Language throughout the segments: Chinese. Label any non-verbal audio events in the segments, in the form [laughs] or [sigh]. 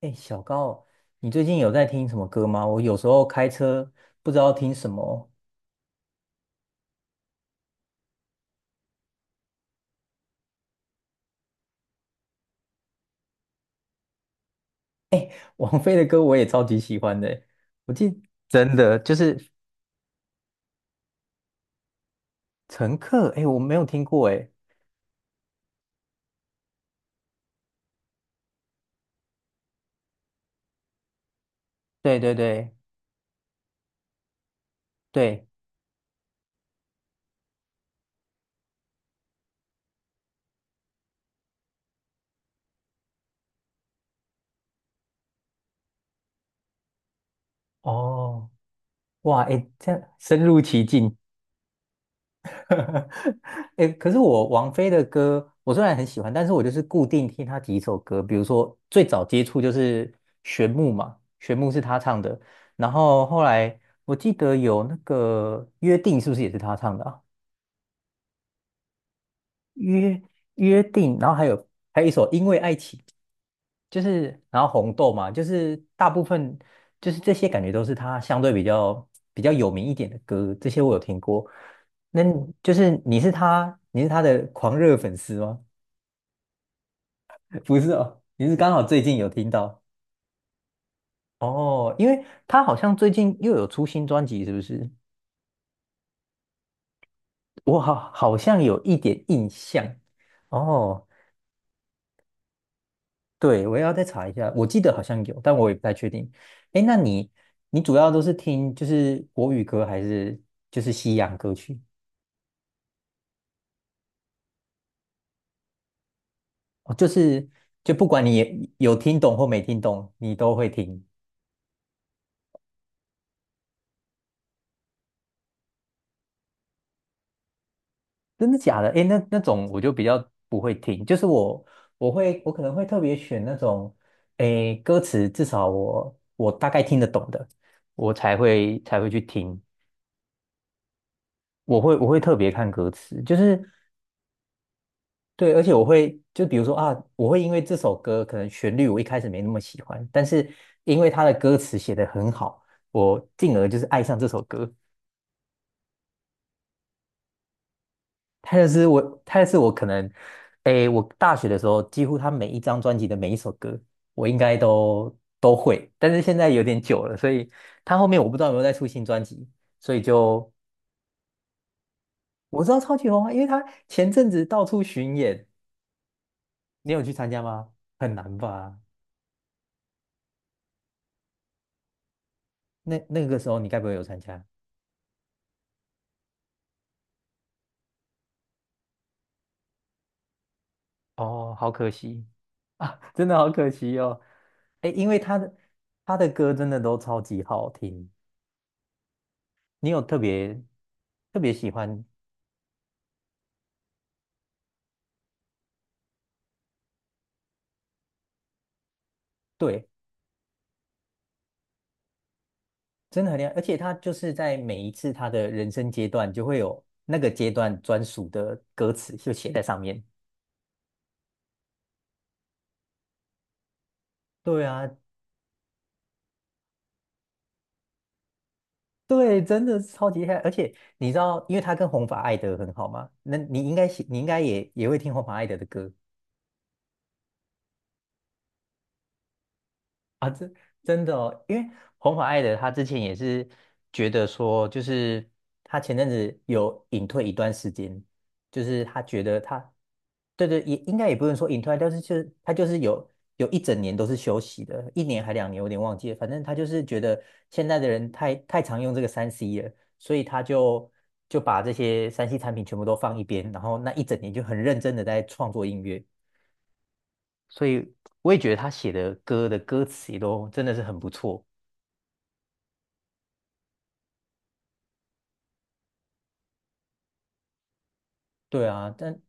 哎，小高，你最近有在听什么歌吗？我有时候开车不知道听什么。[laughs] 王菲的歌我也超级喜欢的欸，我记真的就是《乘客》，哎，我没有听过哎。对对对对。哦，哇，哎，这样深入其境。[laughs] 哎，可是我王菲的歌，我虽然很喜欢，但是我就是固定听她几首歌，比如说最早接触就是《旋木》嘛，《旋木》是她唱的，然后后来我记得有那个《约定》，是不是也是她唱的啊？约约定，然后还有一首《因为爱情》就是，然后红豆嘛，就是大部分就是这些感觉都是他相对比较有名一点的歌，这些我有听过。那你你是他的狂热粉丝吗？[laughs] 不是哦，你是刚好最近有听到。哦，因为他好像最近又有出新专辑，是不是？我好像有一点印象。哦。对，我也要再查一下，我记得好像有，但我也不太确定。哎，那你你主要都是听就是国语歌还是就是西洋歌曲？哦，就是就不管你也有听懂或没听懂，你都会听。真的假的？哎，那那种我就比较不会听，就是我我可能会特别选那种，哎，歌词至少我大概听得懂的，我才会去听。我会特别看歌词，就是对，而且我会，就比如说啊，我会因为这首歌可能旋律我一开始没那么喜欢，但是因为它的歌词写得很好，我进而就是爱上这首歌。它就是我可能，诶，我大学的时候几乎他每一张专辑的每一首歌，我应该都会，但是现在有点久了，所以他后面我不知道有没有再出新专辑，所以就我知道超级红啊，因为他前阵子到处巡演，你有去参加吗？很难吧？那那个时候你该不会有参加？哦，好可惜。 [laughs] 啊，真的好可惜哦。哎，因为他的歌真的都超级好听，你有特别特别喜欢？对，真的很厉害，而且他就是在每一次他的人生阶段，就会有那个阶段专属的歌词就写在上面。对啊，对，真的是超级厉害。而且你知道，因为他跟弘法爱德很好嘛，那你应该你应该也也会听弘法爱德的歌。啊，这真的哦，因为红发爱的他之前也是觉得说，就是他前阵子有隐退一段时间，就是他觉得他，对对，也应该也不能说隐退，但是就是他就是有有一整年都是休息的，一年还两年，我有点忘记了，反正他就是觉得现在的人太常用这个三 C 了，所以他就就把这些三 C 产品全部都放一边，然后那一整年就很认真的在创作音乐。所以我也觉得他写的歌的歌词也都真的是很不错。对啊，但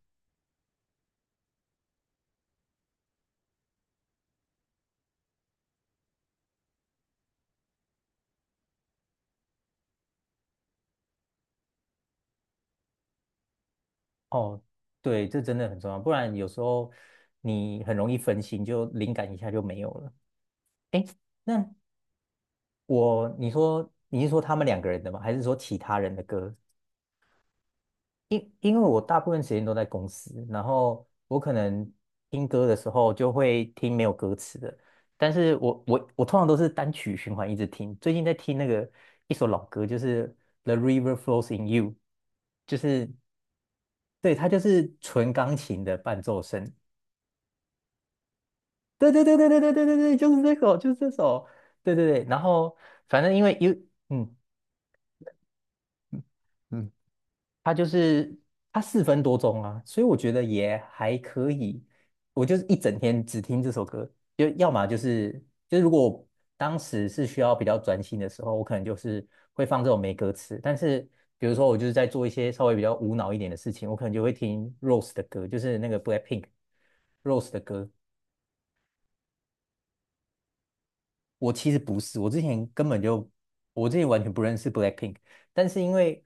哦，对，这真的很重要，不然有时候你很容易分心，就灵感一下就没有了。哎，那我，你说你是说他们两个人的吗？还是说其他人的歌？因为我大部分时间都在公司，然后我可能听歌的时候就会听没有歌词的，但是我通常都是单曲循环一直听。最近在听那个一首老歌，就是《The River Flows in You》,就是对，它就是纯钢琴的伴奏声。对对对对对对对对对，就是这首，就是这首。对对对，然后反正因为有，嗯 u 嗯。它就是它四分多钟啊，所以我觉得也还可以。我就是一整天只听这首歌，就要么就是就是如果当时是需要比较专心的时候，我可能就是会放这种没歌词。但是比如说我就是在做一些稍微比较无脑一点的事情，我可能就会听 Rose 的歌，就是那个 BLACKPINK Rose 的歌。我其实不是，我之前根本就，我之前完全不认识 BLACKPINK,但是因为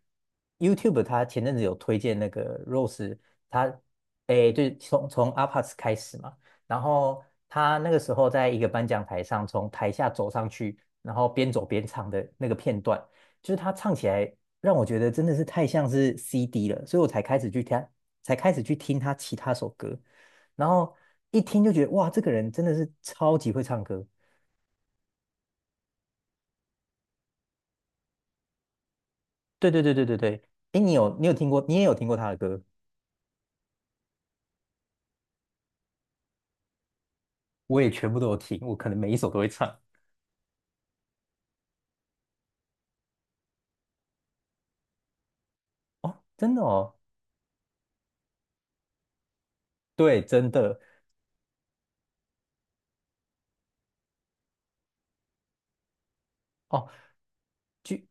YouTube 它前阵子有推荐那个 Rose,他诶，对，从 apas 开始嘛，然后他那个时候在一个颁奖台上，从台下走上去，然后边走边唱的那个片段，就是他唱起来让我觉得真的是太像是 CD 了，所以我才开始去听，才开始去听他其他首歌，然后一听就觉得哇，这个人真的是超级会唱歌。对对对对对对，哎，你有听过，你也有听过他的歌？我也全部都有听，我可能每一首都会唱。哦，真的哦，对，真的哦，居，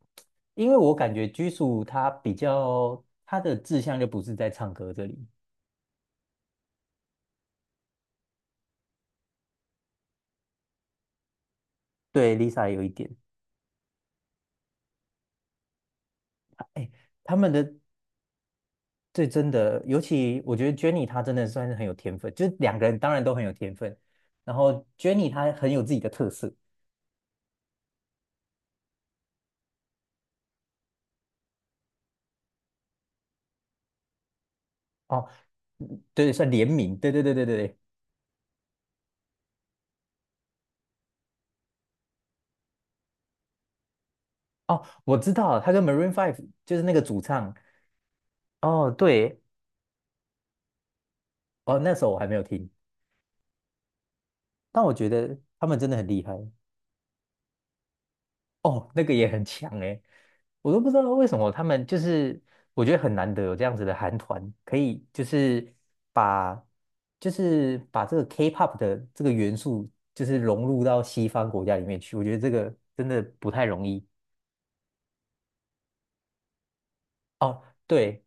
因为我感觉居属他比较他的志向就不是在唱歌这里，对，Lisa 也有一点，哎他们的对真的，尤其我觉得 Jennie 她真的算是很有天分，就是两个人当然都很有天分，然后 Jennie 她很有自己的特色哦，嗯对，算联名，对对对对对哦，我知道，他跟 Maroon Five 就是那个主唱。哦，对，哦，那时候我还没有听，但我觉得他们真的很厉害。哦，那个也很强诶，我都不知道为什么他们就是，我觉得很难得有这样子的韩团，可以就是把就是把这个 K-pop 的这个元素，就是融入到西方国家里面去。我觉得这个真的不太容易。哦，对，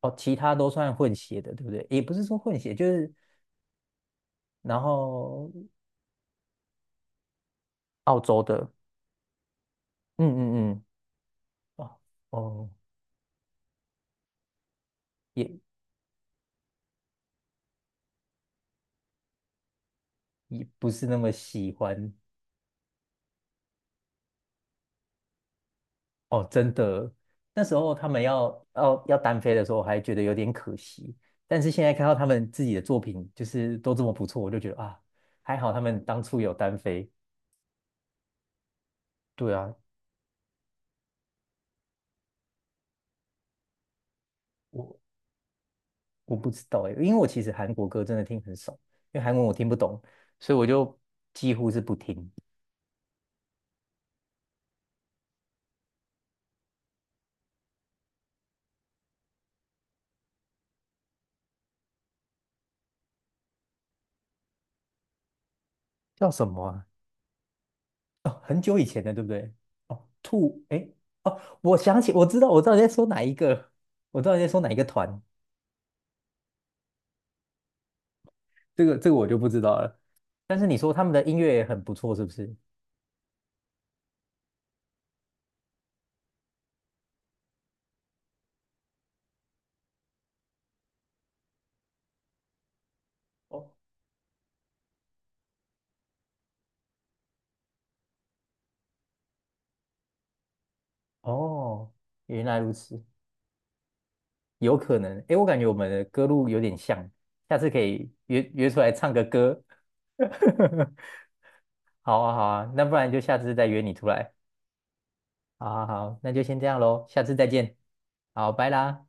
哦，其他都算混血的，对不对？也不是说混血，就是然后。澳洲的，嗯嗯嗯，哦哦，也也不是那么喜欢哦，真的。那时候他们要单飞的时候，我还觉得有点可惜。但是现在看到他们自己的作品，就是都这么不错，我就觉得啊，还好他们当初有单飞。对啊，我我不知道哎，因为我其实韩国歌真的听很少，因为韩文我听不懂，所以我就几乎是不听。叫什么啊？哦，很久以前的，对不对？哦，兔，哎，哦，我想起，我知道，我知道你在说哪一个，我知道你在说哪一个团，这个我就不知道了。但是你说他们的音乐也很不错，是不是？哦，哦，原来如此，有可能。哎，我感觉我们的歌路有点像，下次可以约出来唱个歌。[laughs] 好啊，好啊，那不然就下次再约你出来。好好好，那就先这样喽，下次再见。好，拜啦。